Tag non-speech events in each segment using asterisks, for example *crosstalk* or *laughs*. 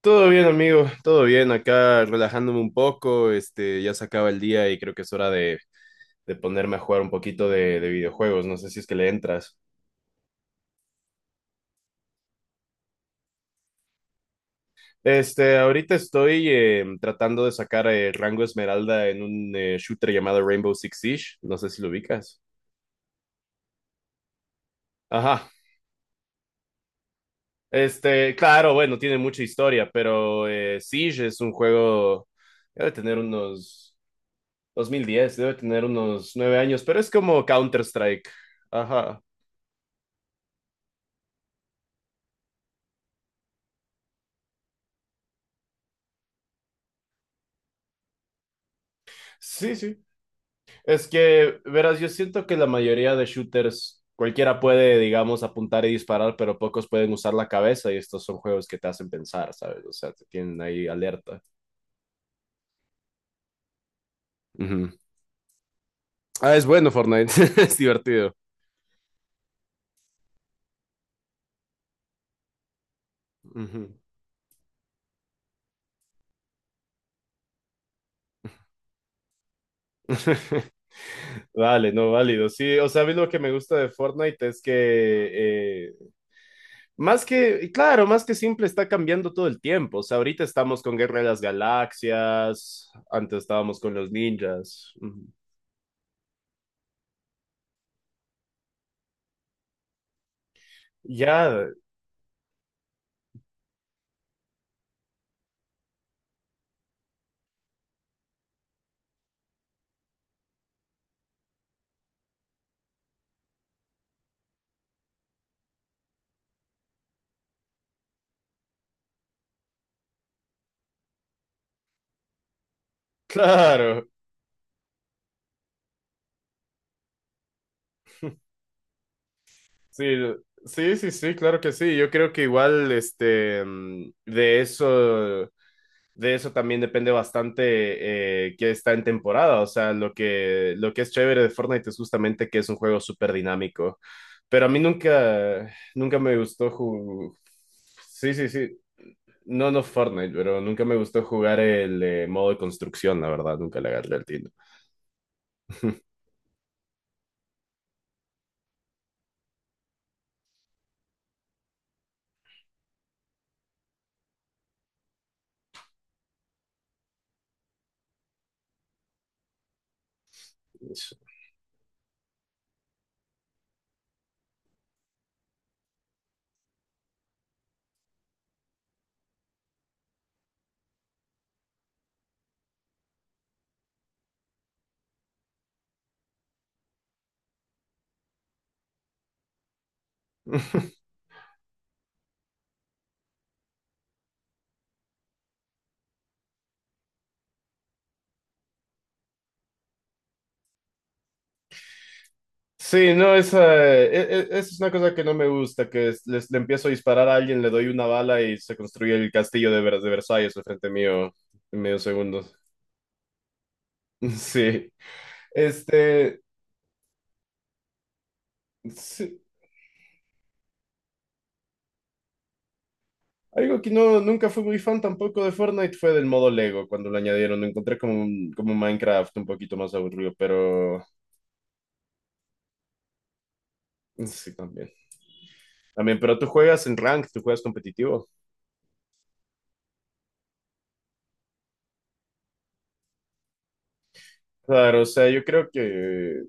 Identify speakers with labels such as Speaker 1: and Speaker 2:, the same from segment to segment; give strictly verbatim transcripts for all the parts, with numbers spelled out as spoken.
Speaker 1: Todo bien, amigo, todo bien, acá relajándome un poco, este, ya se acaba el día y creo que es hora de, de ponerme a jugar un poquito de, de videojuegos, no sé si es que le entras. Este, ahorita estoy eh, tratando de sacar eh, rango esmeralda en un eh, shooter llamado Rainbow Six Siege, no sé si lo ubicas. Ajá, este, claro, bueno, tiene mucha historia, pero eh, Siege es un juego, debe tener unos dos mil diez, debe tener unos nueve años, pero es como Counter-Strike. Ajá. Sí, sí. Es que, verás, yo siento que la mayoría de shooters, cualquiera puede, digamos, apuntar y disparar, pero pocos pueden usar la cabeza y estos son juegos que te hacen pensar, ¿sabes? O sea, te tienen ahí alerta. Ujú. Ah, es bueno Fortnite, *laughs* es divertido. Ujú. *laughs* Vale, no, válido. Sí, o sea, a mí lo que me gusta de Fortnite es que, eh, más que, y claro, más que simple, está cambiando todo el tiempo. O sea, ahorita estamos con Guerra de las Galaxias, antes estábamos con los ninjas. Ujú. Ya, claro. Sí, sí, sí, sí, claro que sí. Yo creo que igual, este, mm, de eso, de eso también depende bastante eh, que está en temporada. O sea, lo que, lo que es chévere de Fortnite es justamente que es un juego súper dinámico. Pero a mí nunca, nunca me gustó ju- Sí, sí, sí. No, no Fortnite, pero nunca me gustó jugar el eh, modo de construcción, la verdad. Nunca le agarré el tiro. *laughs* Sí, no, esa, e- e- esa es una cosa que no me gusta, que es- les, le empiezo a disparar a alguien, le doy una bala y se construye el castillo de, Vers- de Versalles al frente mío en medio segundo. *laughs* Sí, este, sí, algo que no, nunca fui muy fan tampoco de Fortnite fue del modo Lego cuando lo añadieron, lo encontré como, un- como un Minecraft un poquito más aburrido, pero sí, también. También, pero tú juegas en rank, tú juegas competitivo. Claro, o sea, yo creo que,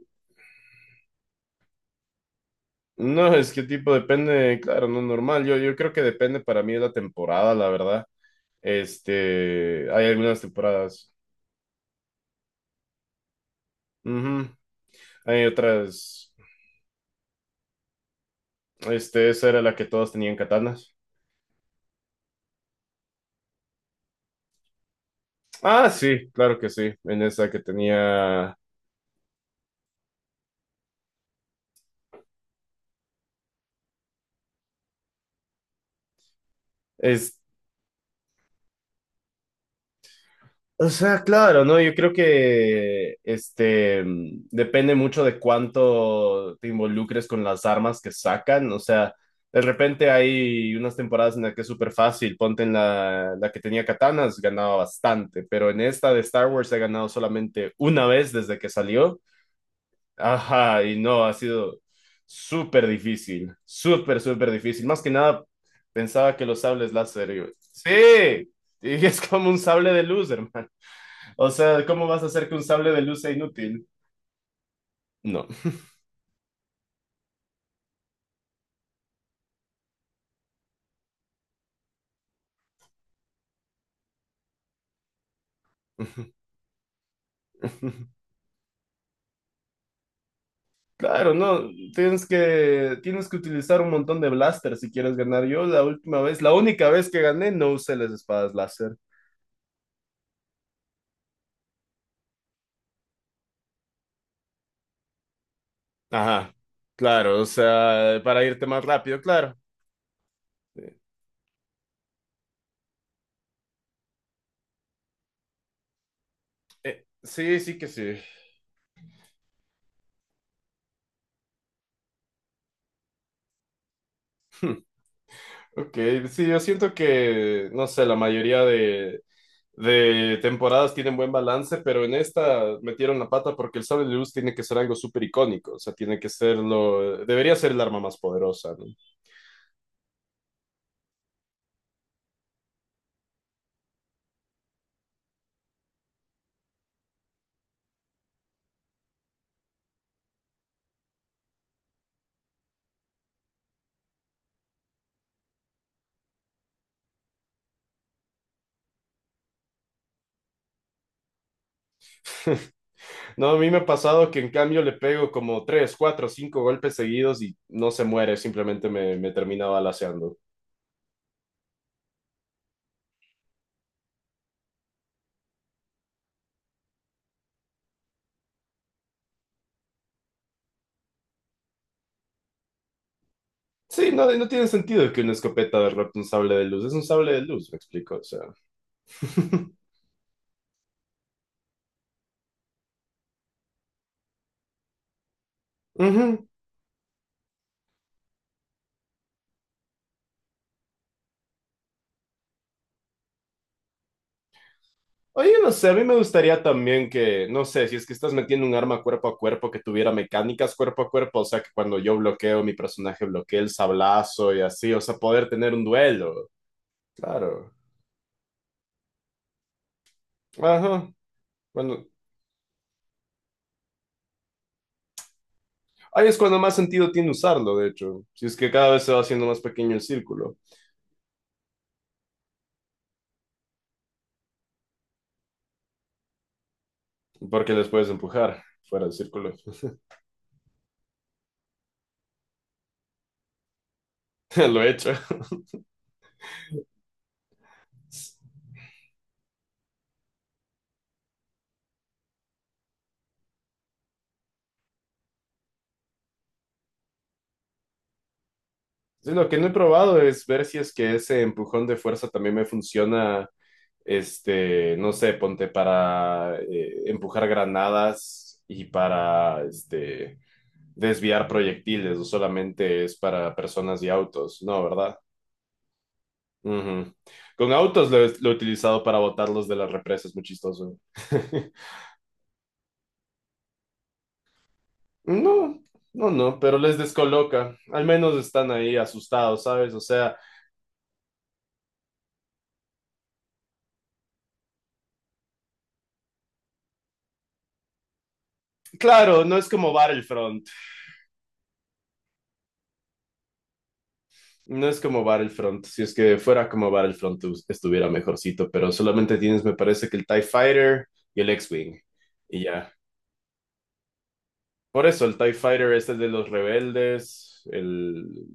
Speaker 1: no, es que tipo depende, claro, no normal. Yo, yo creo que depende para mí de la temporada, la verdad. Este, hay algunas temporadas. Ujú. Hay otras. Este, esa era la que todos tenían katanas. Ah, sí, claro que sí. En esa que tenía. Es O sea, claro, ¿no? Yo creo que este mm, depende mucho de cuánto te involucres con las armas que sacan. O sea, de repente hay unas temporadas en las que es súper fácil. Ponte en la, la que tenía katanas, ganaba bastante. Pero en esta de Star Wars he ganado solamente una vez desde que salió. Ajá, y no, ha sido súper difícil. Súper, súper difícil. Más que nada, pensaba que los sables láser. y- Sí, y *laughs* es como un sable de luz, hermano. O sea, ¿cómo vas a hacer que un sable de luz sea inútil? No. *laughs* Claro, no, tienes que, tienes que utilizar un montón de blaster si quieres ganar. Yo la última vez, la única vez que gané, no usé las espadas láser. Ajá, claro, o sea, para irte más rápido, claro. Eh, sí, sí que sí. Ok, sí, yo siento que, no sé, la mayoría de, de temporadas tienen buen balance, pero en esta metieron la pata porque el sable de luz tiene que ser algo súper icónico, o sea, tiene que ser lo, debería ser el arma más poderosa, ¿no? *laughs* No, a mí me ha pasado que en cambio le pego como tres, cuatro, cinco golpes seguidos y no se muere, simplemente me, me termina balaceando. Sí, no, no tiene sentido que una escopeta derrote un sable de luz. Es un sable de luz, me explico. O sea. *laughs* Ujú. Oye, no sé, a mí me gustaría también que, no sé, si es que estás metiendo un arma cuerpo a cuerpo que tuviera mecánicas cuerpo a cuerpo, o sea, que cuando yo bloqueo, mi personaje bloquee el sablazo y así, o sea, poder tener un duelo. Claro. Ajá. Bueno, ahí es cuando más sentido tiene usarlo, de hecho. Si es que cada vez se va haciendo más pequeño el círculo, porque les puedes empujar fuera del círculo. *laughs* Lo he hecho. Sí, lo que no he probado es ver si es que ese empujón de fuerza también me funciona, este, no sé, ponte para eh, empujar granadas y para, este, desviar proyectiles, o solamente es para personas y autos, ¿no? ¿Verdad? Ujú. Con autos lo, he lo he utilizado para botarlos de las represas, muy chistoso. *laughs* No, no, no, pero les descoloca. Al menos están ahí asustados, ¿sabes? O sea, claro, no es como Battlefront. No es como Battlefront, si es que fuera como Battlefront us- estuviera mejorcito, pero solamente tienes, me parece que el tai Fighter y el X-Wing, y ya. Por eso el T I E Fighter es el de los rebeldes, el...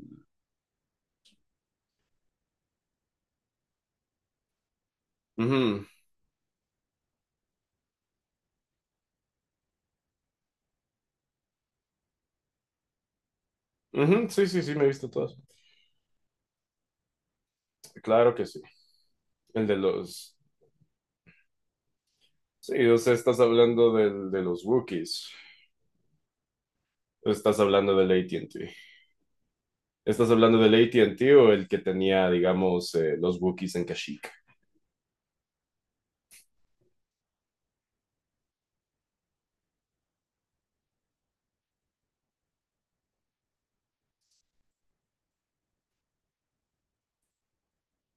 Speaker 1: Ujú, ujú, sí, sí, sí, me he visto todos. Claro que sí. El de los... Sí, o sea, estás hablando del- de los Wookiees, estás hablando del A T y T. ¿Estás hablando del A T y T o el que tenía, digamos, eh, los Wookiees en Kashyyyk?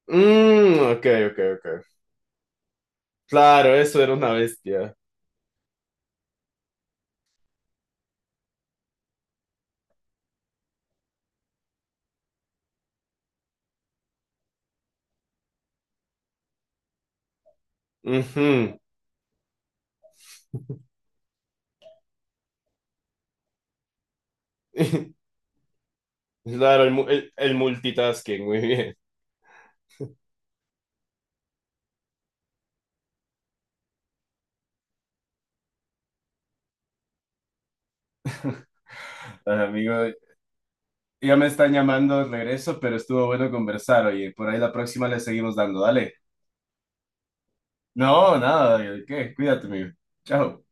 Speaker 1: Mmm, ok, ok, ok. Claro, eso era una bestia. Ujú. *laughs* Claro, el, mu- el- el multitasking, muy bien. Bueno, amigo, ya me están llamando de regreso, pero estuvo bueno conversar, oye. Por ahí la próxima le seguimos dando, dale. No, nada, ¿qué? Cuídate, amigo. Chao.